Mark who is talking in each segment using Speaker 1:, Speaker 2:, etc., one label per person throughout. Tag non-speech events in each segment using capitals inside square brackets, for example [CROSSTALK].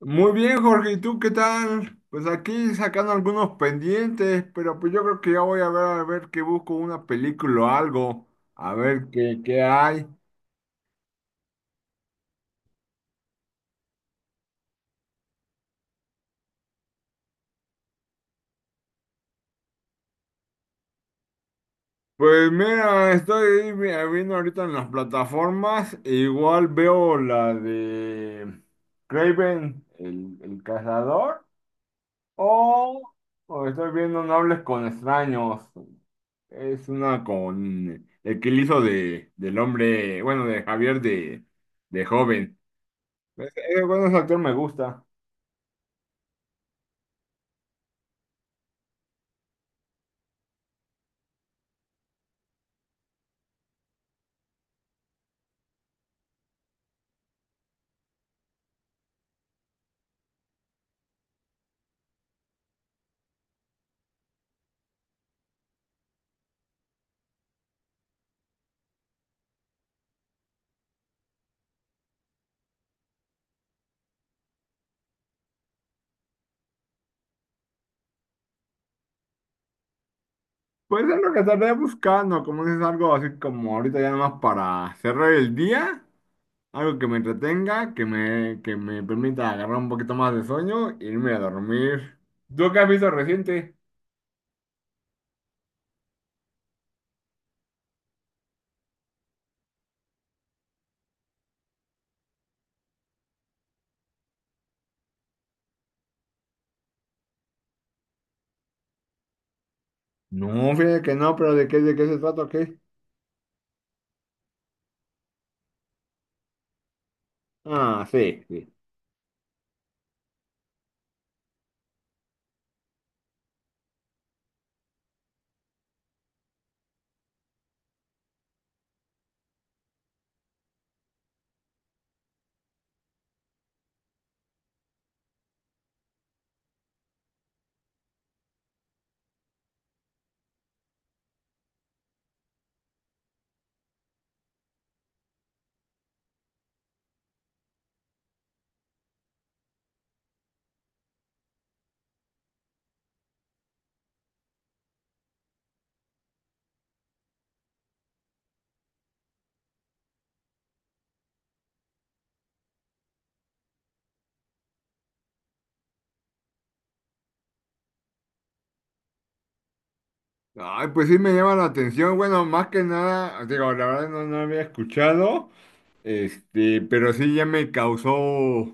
Speaker 1: Muy bien, Jorge, ¿y tú qué tal? Pues aquí sacando algunos pendientes, pero pues yo creo que ya voy a ver que busco una película o algo, a ver qué hay. Pues mira, viendo ahorita en las plataformas, e igual veo la de Craven, el cazador, o, o estoy viendo No hables con extraños, es una con el que le hizo del hombre, bueno, de Javier de joven. Ese bueno, ese actor me gusta. Puede ser lo que estaré buscando, como dices, algo así como ahorita ya nomás para cerrar el día, algo que me entretenga, que me permita agarrar un poquito más de sueño e irme a dormir. ¿Tú qué has visto reciente? No, fíjate que no, pero ¿de qué se trata o qué? Ah, sí, sí. Ay, pues sí me llama la atención. Bueno, más que nada, digo, la verdad no había escuchado, pero sí ya me causó.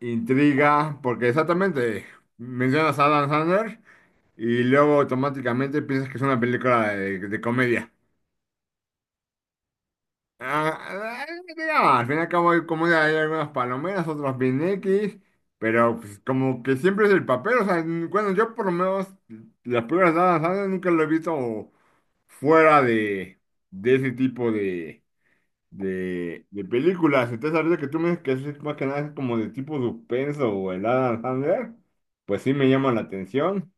Speaker 1: Intriga, porque exactamente mencionas a Adam Sandler y luego automáticamente piensas que es una película de comedia. Ah, ah, mira, al fin y al cabo hay comedia, hay algunas palomeras, otras bien X, pero pues, como que siempre es el papel. O sea, bueno, yo por lo menos las películas de Adam Sandler nunca lo he visto fuera de ese tipo de películas, entonces ahorita que tú me dices que es más que nada es como de tipo suspenso o el Adam Sandler, pues sí me llama la atención.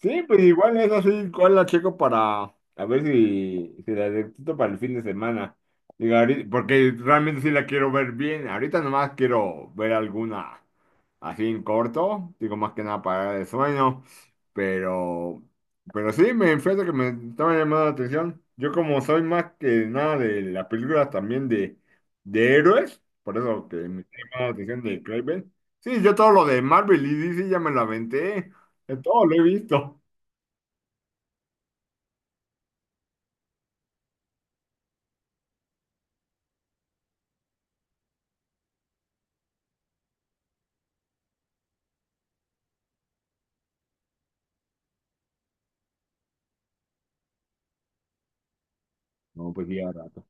Speaker 1: Sí, pues igual es así, cuál la checo para a ver si la detecto para el fin de semana. Digo, ahorita- porque realmente sí la quiero ver bien. Ahorita nomás quiero ver alguna así en corto, digo más que nada para el sueño, pero, pero sí, me fíjate que me estaba llamando la atención. Yo como soy más que nada de las películas también de héroes, por eso que me está llamando la atención de Craven. Sí, yo todo lo de Marvel y DC ya me lo aventé, de todo lo he visto. No, pues lleva rato.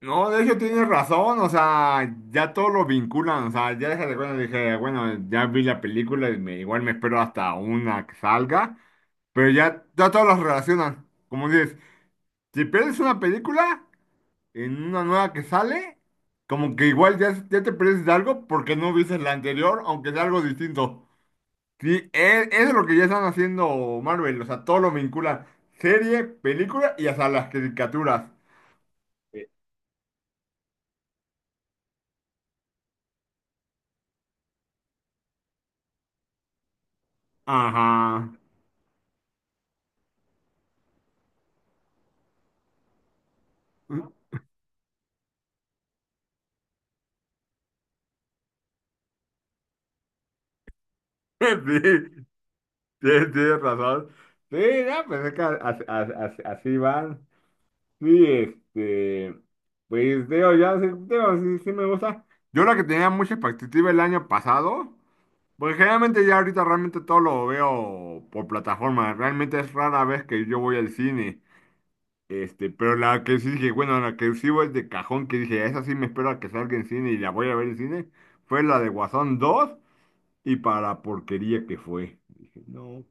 Speaker 1: No, de hecho tienes razón, o sea, ya todo lo vinculan, o sea, ya déjate cuando dije, bueno, ya vi la película y me, igual me espero hasta una que salga, pero ya todos los relacionan. Como dices, si pierdes una película en una nueva que sale, como que igual ya te pierdes de algo porque no viste la anterior, aunque sea algo distinto. Sí, eso es lo que ya están haciendo Marvel, o sea, todo lo vinculan, serie, película y hasta las caricaturas. Eh, Ajá. [LAUGHS] Sí, tienes razón. Sí, no, pues es que así, van. Sí, este, pues digo, ya sí, digo, sí me gusta. Yo la que tenía mucha expectativa el año pasado, porque generalmente ya ahorita realmente todo lo veo por plataforma. Realmente es rara vez que yo voy al cine. Pero la que sí dije, bueno, la que sí voy de cajón, que dije, esa sí me espero a que salga en cine y la voy a ver en cine, fue la de Guasón 2 y para la porquería que fue. Dije, no.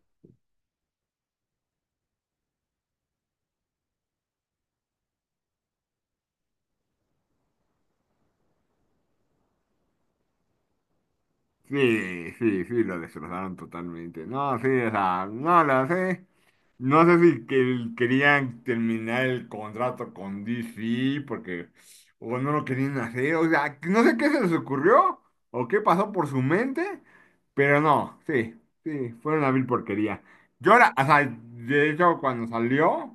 Speaker 1: Sí, sí, sí, lo destrozaron totalmente. No, sí, o sea, no lo sé. No sé si querían terminar el contrato con DC porque o no lo querían hacer. O sea, no sé qué se les ocurrió o qué pasó por su mente, pero no, sí, sí, fue una vil porquería. Yo ahora, o sea, de hecho, cuando salió.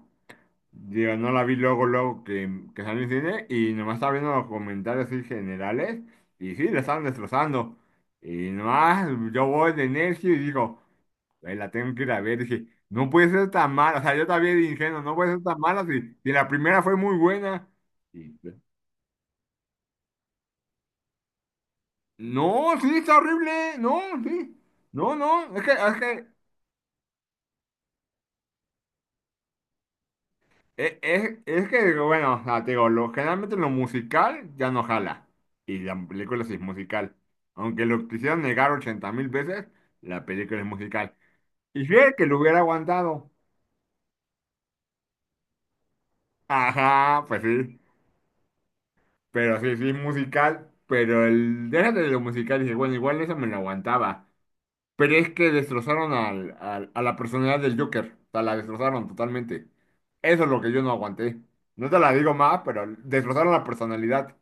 Speaker 1: Digo, no la vi luego, luego que salió en cine y nomás estaba viendo los comentarios así generales y sí, la estaban destrozando. Y nomás yo voy de necio y digo, "Ay, la tengo que ir a ver. Dije, no puede ser tan mala, o sea, yo también de ingenuo, no puede ser tan mala si la primera fue muy buena. Y, no, sí, está horrible, no, sí, no, no, es que es que, digo, bueno, o sea, te digo, lo, generalmente lo musical ya no jala. Y la película sí es musical. Aunque lo quisieran negar 80 mil veces, la película es musical. Y fíjate que lo hubiera aguantado. Ajá, pues sí. Pero sí, sí es musical. Pero el, déjate de lo musical y dice, bueno, igual eso me lo aguantaba. Pero es que destrozaron a la personalidad del Joker. O sea, la destrozaron totalmente. Eso es lo que yo no aguanté. No te la digo más, pero destrozaron la personalidad.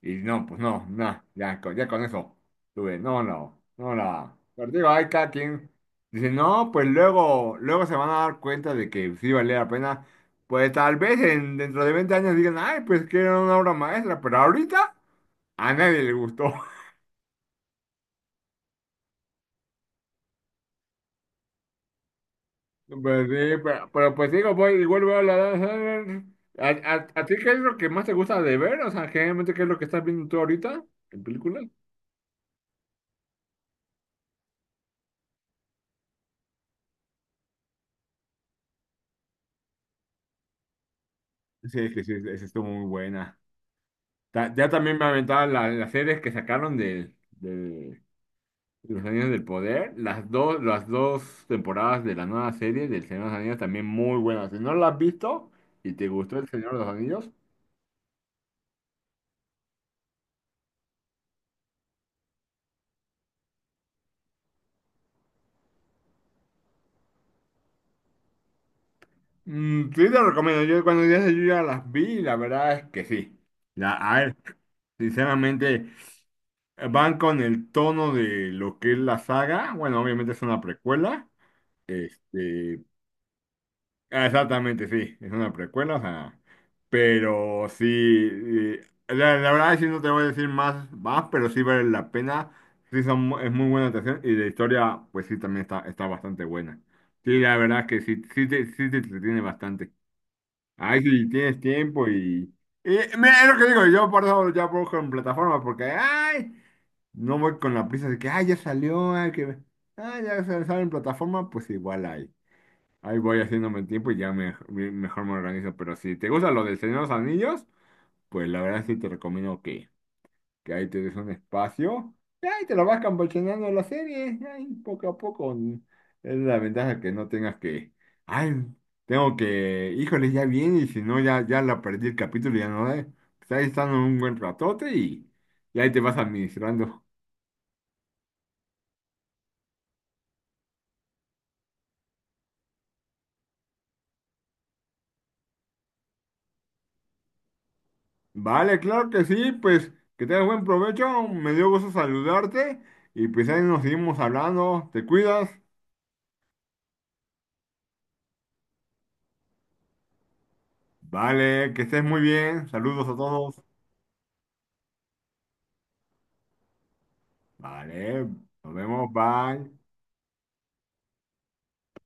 Speaker 1: Y no, pues no, no, ya, ya con eso tuve, no, no, no la. Pero digo, hay cada quien dice, no, pues luego, luego se van a dar cuenta de que sí valía la pena. Pues tal vez en, dentro de 20 años digan, ay, pues que era una obra maestra, pero ahorita a nadie le gustó. [LAUGHS] Pues sí, pero pues digo, voy, igual voy a la danza. ¿A, a ti qué es lo que más te gusta de ver? O sea, generalmente, ¿qué es lo que estás viendo tú ahorita en películas? Sí, es que sí, esa estuvo muy buena. Ya también me aventaban las series que sacaron de Los Anillos del Poder. Las dos temporadas de la nueva serie del Señor de los Anillos también muy buenas. Si no la has visto y te gustó el Señor de los Anillos, mm, sí te recomiendo. Yo cuando ya las vi, y la verdad es que sí. La, a ver, sinceramente, van con el tono de lo que es la saga. Bueno, obviamente es una precuela. Este, Ah, exactamente, sí, es una precuela, o sea, pero sí, eh, la, la verdad sí no te voy a decir más, pero sí vale la pena, sí son, es muy buena atención y la historia, pues sí, también está, está bastante buena. Sí, la verdad es que sí, sí te entretiene bastante. Ahí sí tienes tiempo y mira, es lo que digo, yo por eso ya busco en plataformas, porque, ay, no voy con la prisa de que, ay, ya salió, ay, que, ay, ya sale en plataforma, pues igual hay. Ahí voy haciéndome el tiempo y ya mejor me organizo. Pero si te gusta lo del Señor de los Anillos, pues la verdad sí te recomiendo que ahí te des un espacio. Y ahí te lo vas campechaneando la serie. Ahí poco a poco. Es la ventaja que no tengas que. Ay, tengo que. Híjole, ya viene. Y si no, ya, ya la perdí el capítulo y ya no da". Pues ahí están un buen ratote y ahí te vas administrando. Vale, claro que sí, pues que tengas buen provecho, me dio gusto saludarte y pues ahí nos seguimos hablando, te cuidas, vale, que estés muy bien, saludos a todos, vale, nos vemos, bye.